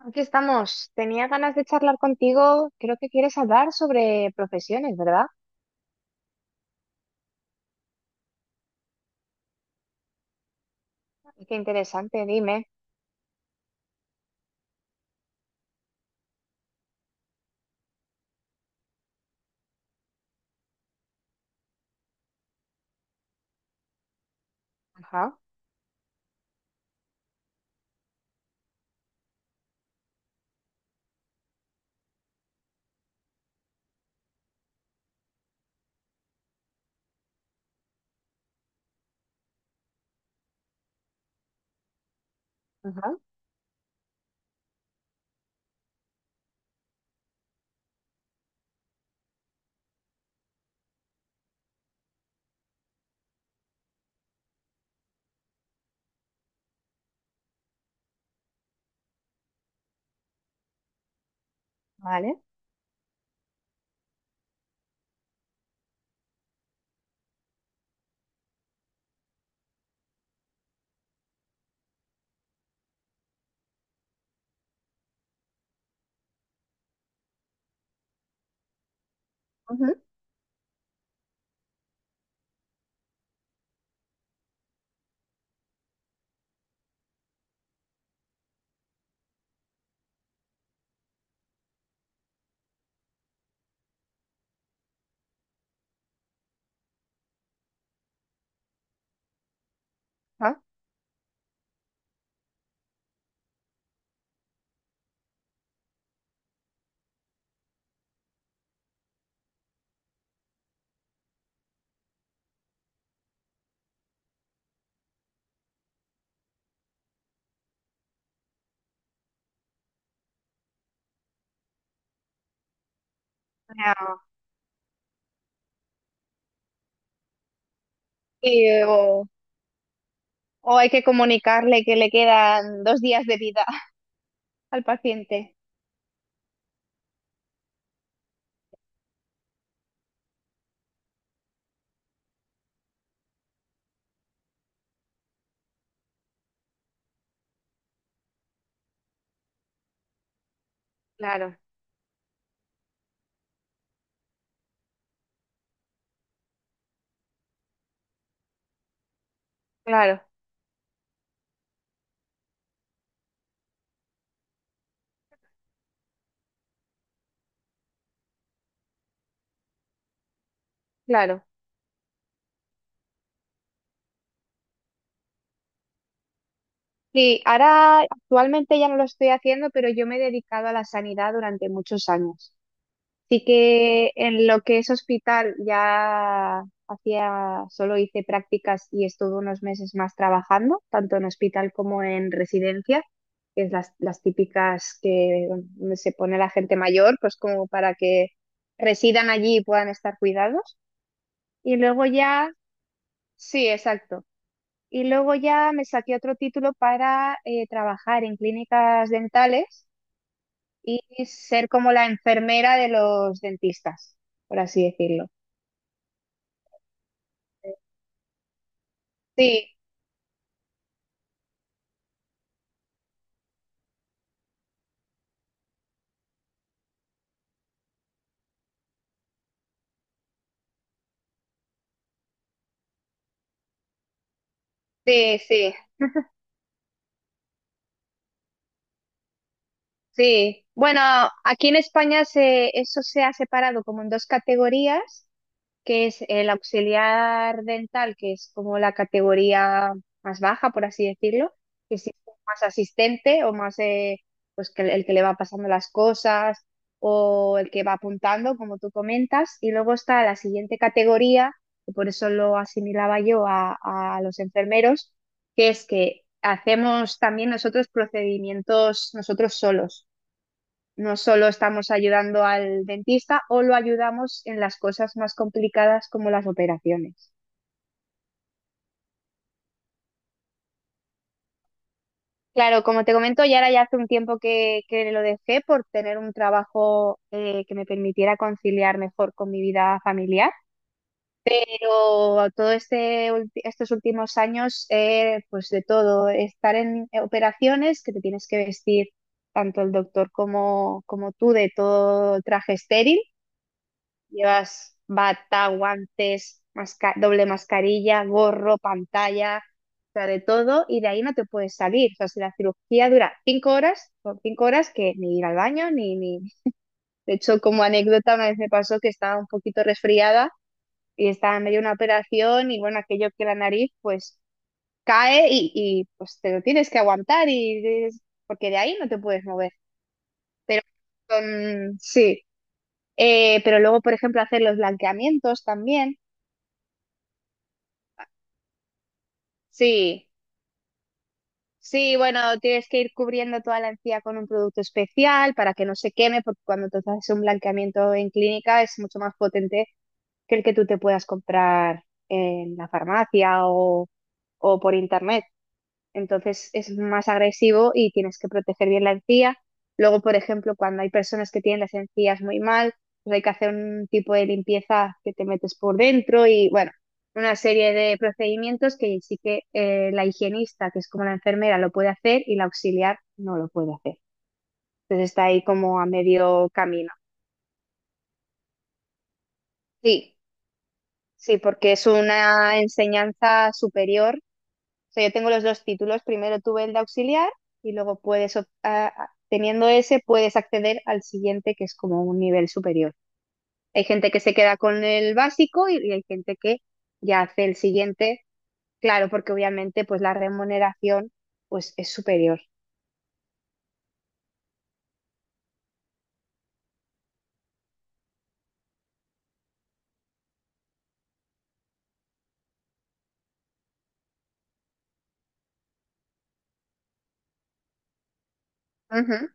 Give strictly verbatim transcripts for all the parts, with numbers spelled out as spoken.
Aquí estamos. Tenía ganas de charlar contigo. Creo que quieres hablar sobre profesiones, ¿verdad? Qué interesante, dime. Ajá, ajá, vale. Ujú, ajá. Ah, y, o, o hay que comunicarle que le quedan dos días de vida al paciente. Claro, claro, claro. Sí, ahora actualmente ya no lo estoy haciendo, pero yo me he dedicado a la sanidad durante muchos años. Sí que en lo que es hospital ya hacía, solo hice prácticas y estuve unos meses más trabajando, tanto en hospital como en residencia, que es las, las típicas que bueno, donde se pone la gente mayor, pues como para que residan allí y puedan estar cuidados. Y luego ya, sí, exacto. Y luego ya me saqué otro título para eh, trabajar en clínicas dentales y ser como la enfermera de los dentistas, por así decirlo. Sí, sí, sí, sí. Bueno, aquí en España se, eso se ha separado como en dos categorías, que es el auxiliar dental, que es como la categoría más baja, por así decirlo, que sí es más asistente o más eh, pues que el, el que le va pasando las cosas o el que va apuntando, como tú comentas, y luego está la siguiente categoría, que por eso lo asimilaba yo a, a los enfermeros, que es que hacemos también nosotros procedimientos nosotros solos. No solo estamos ayudando al dentista o lo ayudamos en las cosas más complicadas como las operaciones. Claro, como te comento, ya ahora ya hace un tiempo que, que lo dejé por tener un trabajo eh, que me permitiera conciliar mejor con mi vida familiar, pero todo este, ulti- estos últimos años, eh, pues de todo, estar en operaciones que te tienes que vestir tanto el doctor como, como tú de todo traje estéril. Llevas bata, guantes, masca- doble mascarilla, gorro, pantalla, o sea, de todo, y de ahí no te puedes salir. O sea, si la cirugía dura cinco horas, son cinco horas que ni ir al baño, ni, ni... De hecho, como anécdota, una vez me pasó que estaba un poquito resfriada y estaba en medio de una operación y bueno, aquello que la nariz pues cae y, y pues te lo tienes que aguantar y dices- porque de ahí no te puedes mover. Pero son- sí. Eh, pero luego, por ejemplo, hacer los blanqueamientos también. Sí, sí, bueno, tienes que ir cubriendo toda la encía con un producto especial para que no se queme, porque cuando tú haces un blanqueamiento en clínica es mucho más potente que el que tú te puedas comprar en la farmacia o, o por internet, entonces es más agresivo y tienes que proteger bien la encía. Luego, por ejemplo, cuando hay personas que tienen las encías muy mal, pues hay que hacer un tipo de limpieza que te metes por dentro y bueno, una serie de procedimientos que sí que eh, la higienista, que es como la enfermera, lo puede hacer y la auxiliar no lo puede hacer. Entonces está ahí como a medio camino. Sí, sí, porque es una enseñanza superior. O sea, yo tengo los dos títulos. Primero tuve el de auxiliar y luego puedes, op- a- a- teniendo ese, puedes acceder al siguiente, que es como un nivel superior. Hay gente que se queda con el básico y, y hay gente que ya hace el siguiente. Claro, porque obviamente pues la remuneración pues es superior. Ujú,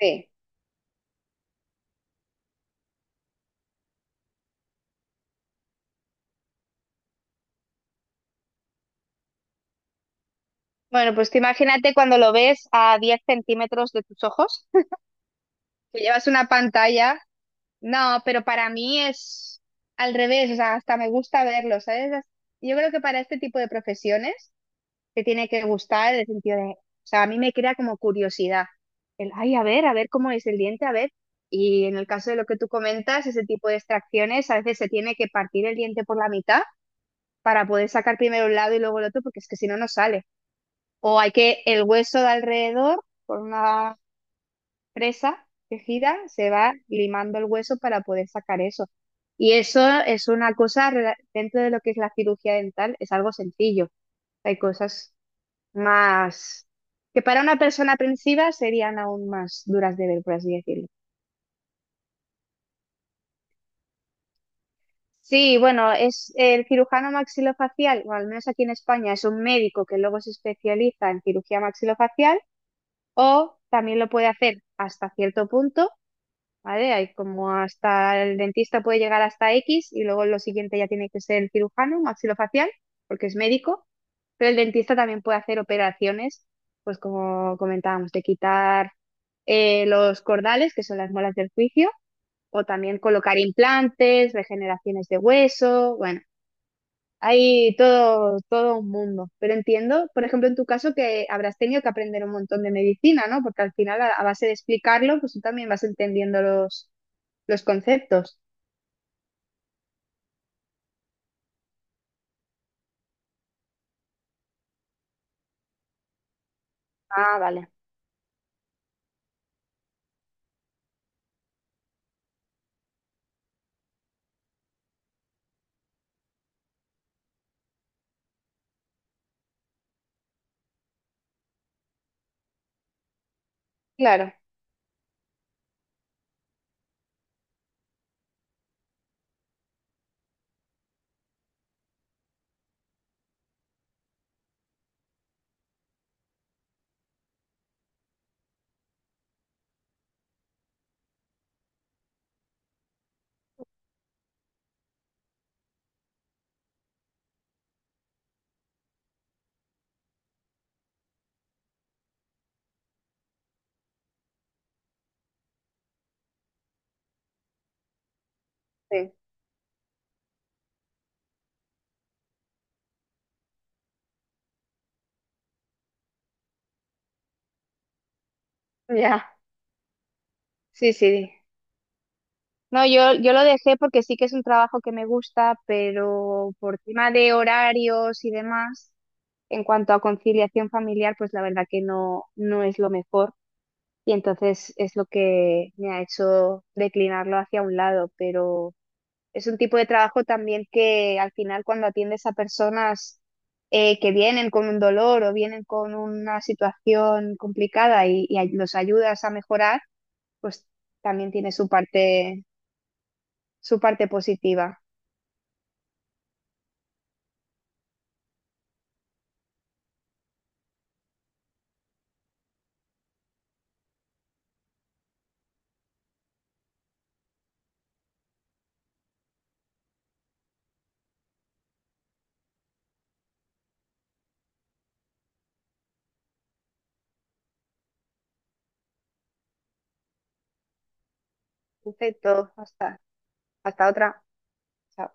sí. Bueno, pues tú imagínate cuando lo ves a diez centímetros de tus ojos, que llevas una pantalla. No, pero para mí es al revés, o sea, hasta me gusta verlo, ¿sabes? As- Yo creo que para este tipo de profesiones te tiene que gustar el sentido de, o sea, a mí me crea como curiosidad, el, ay, a ver, a ver cómo es el diente, a ver. Y en el caso de lo que tú comentas, ese tipo de extracciones, a veces se tiene que partir el diente por la mitad para poder sacar primero un lado y luego el otro, porque es que si no, no sale. O hay que el hueso de alrededor, por una presa que gira, se va limando el hueso para poder sacar eso. Y eso es una cosa, rela- dentro de lo que es la cirugía dental, es algo sencillo. Hay cosas más que para una persona aprensiva serían aún más duras de ver, por así decirlo. Sí, bueno, es el cirujano maxilofacial, o al menos aquí en España, es un médico que luego se especializa en cirugía maxilofacial, o también lo puede hacer hasta cierto punto, ¿vale? Hay como hasta el dentista puede llegar hasta equis y luego lo siguiente ya tiene que ser el cirujano maxilofacial, porque es médico, pero el dentista también puede hacer operaciones, pues como comentábamos, de quitar eh, los cordales, que son las molas del juicio, o también colocar implantes, regeneraciones de hueso, bueno, hay todo, todo un mundo. Pero entiendo, por ejemplo, en tu caso que habrás tenido que aprender un montón de medicina, ¿no? Porque al final, a, a base de explicarlo, pues tú también vas entendiendo los, los conceptos. Ah, vale. Claro, sí. Ya. Sí, sí. No, yo, yo lo dejé porque sí que es un trabajo que me gusta, pero por tema de horarios y demás, en cuanto a conciliación familiar, pues la verdad que no, no es lo mejor. Y entonces es lo que me ha hecho declinarlo hacia un lado, pero... Es un tipo de trabajo también que al final cuando atiendes a personas eh, que vienen con un dolor o vienen con una situación complicada y, y ay- los ayudas a mejorar, pues también tiene su parte, su parte positiva. Perfecto, hasta, hasta otra. Chao.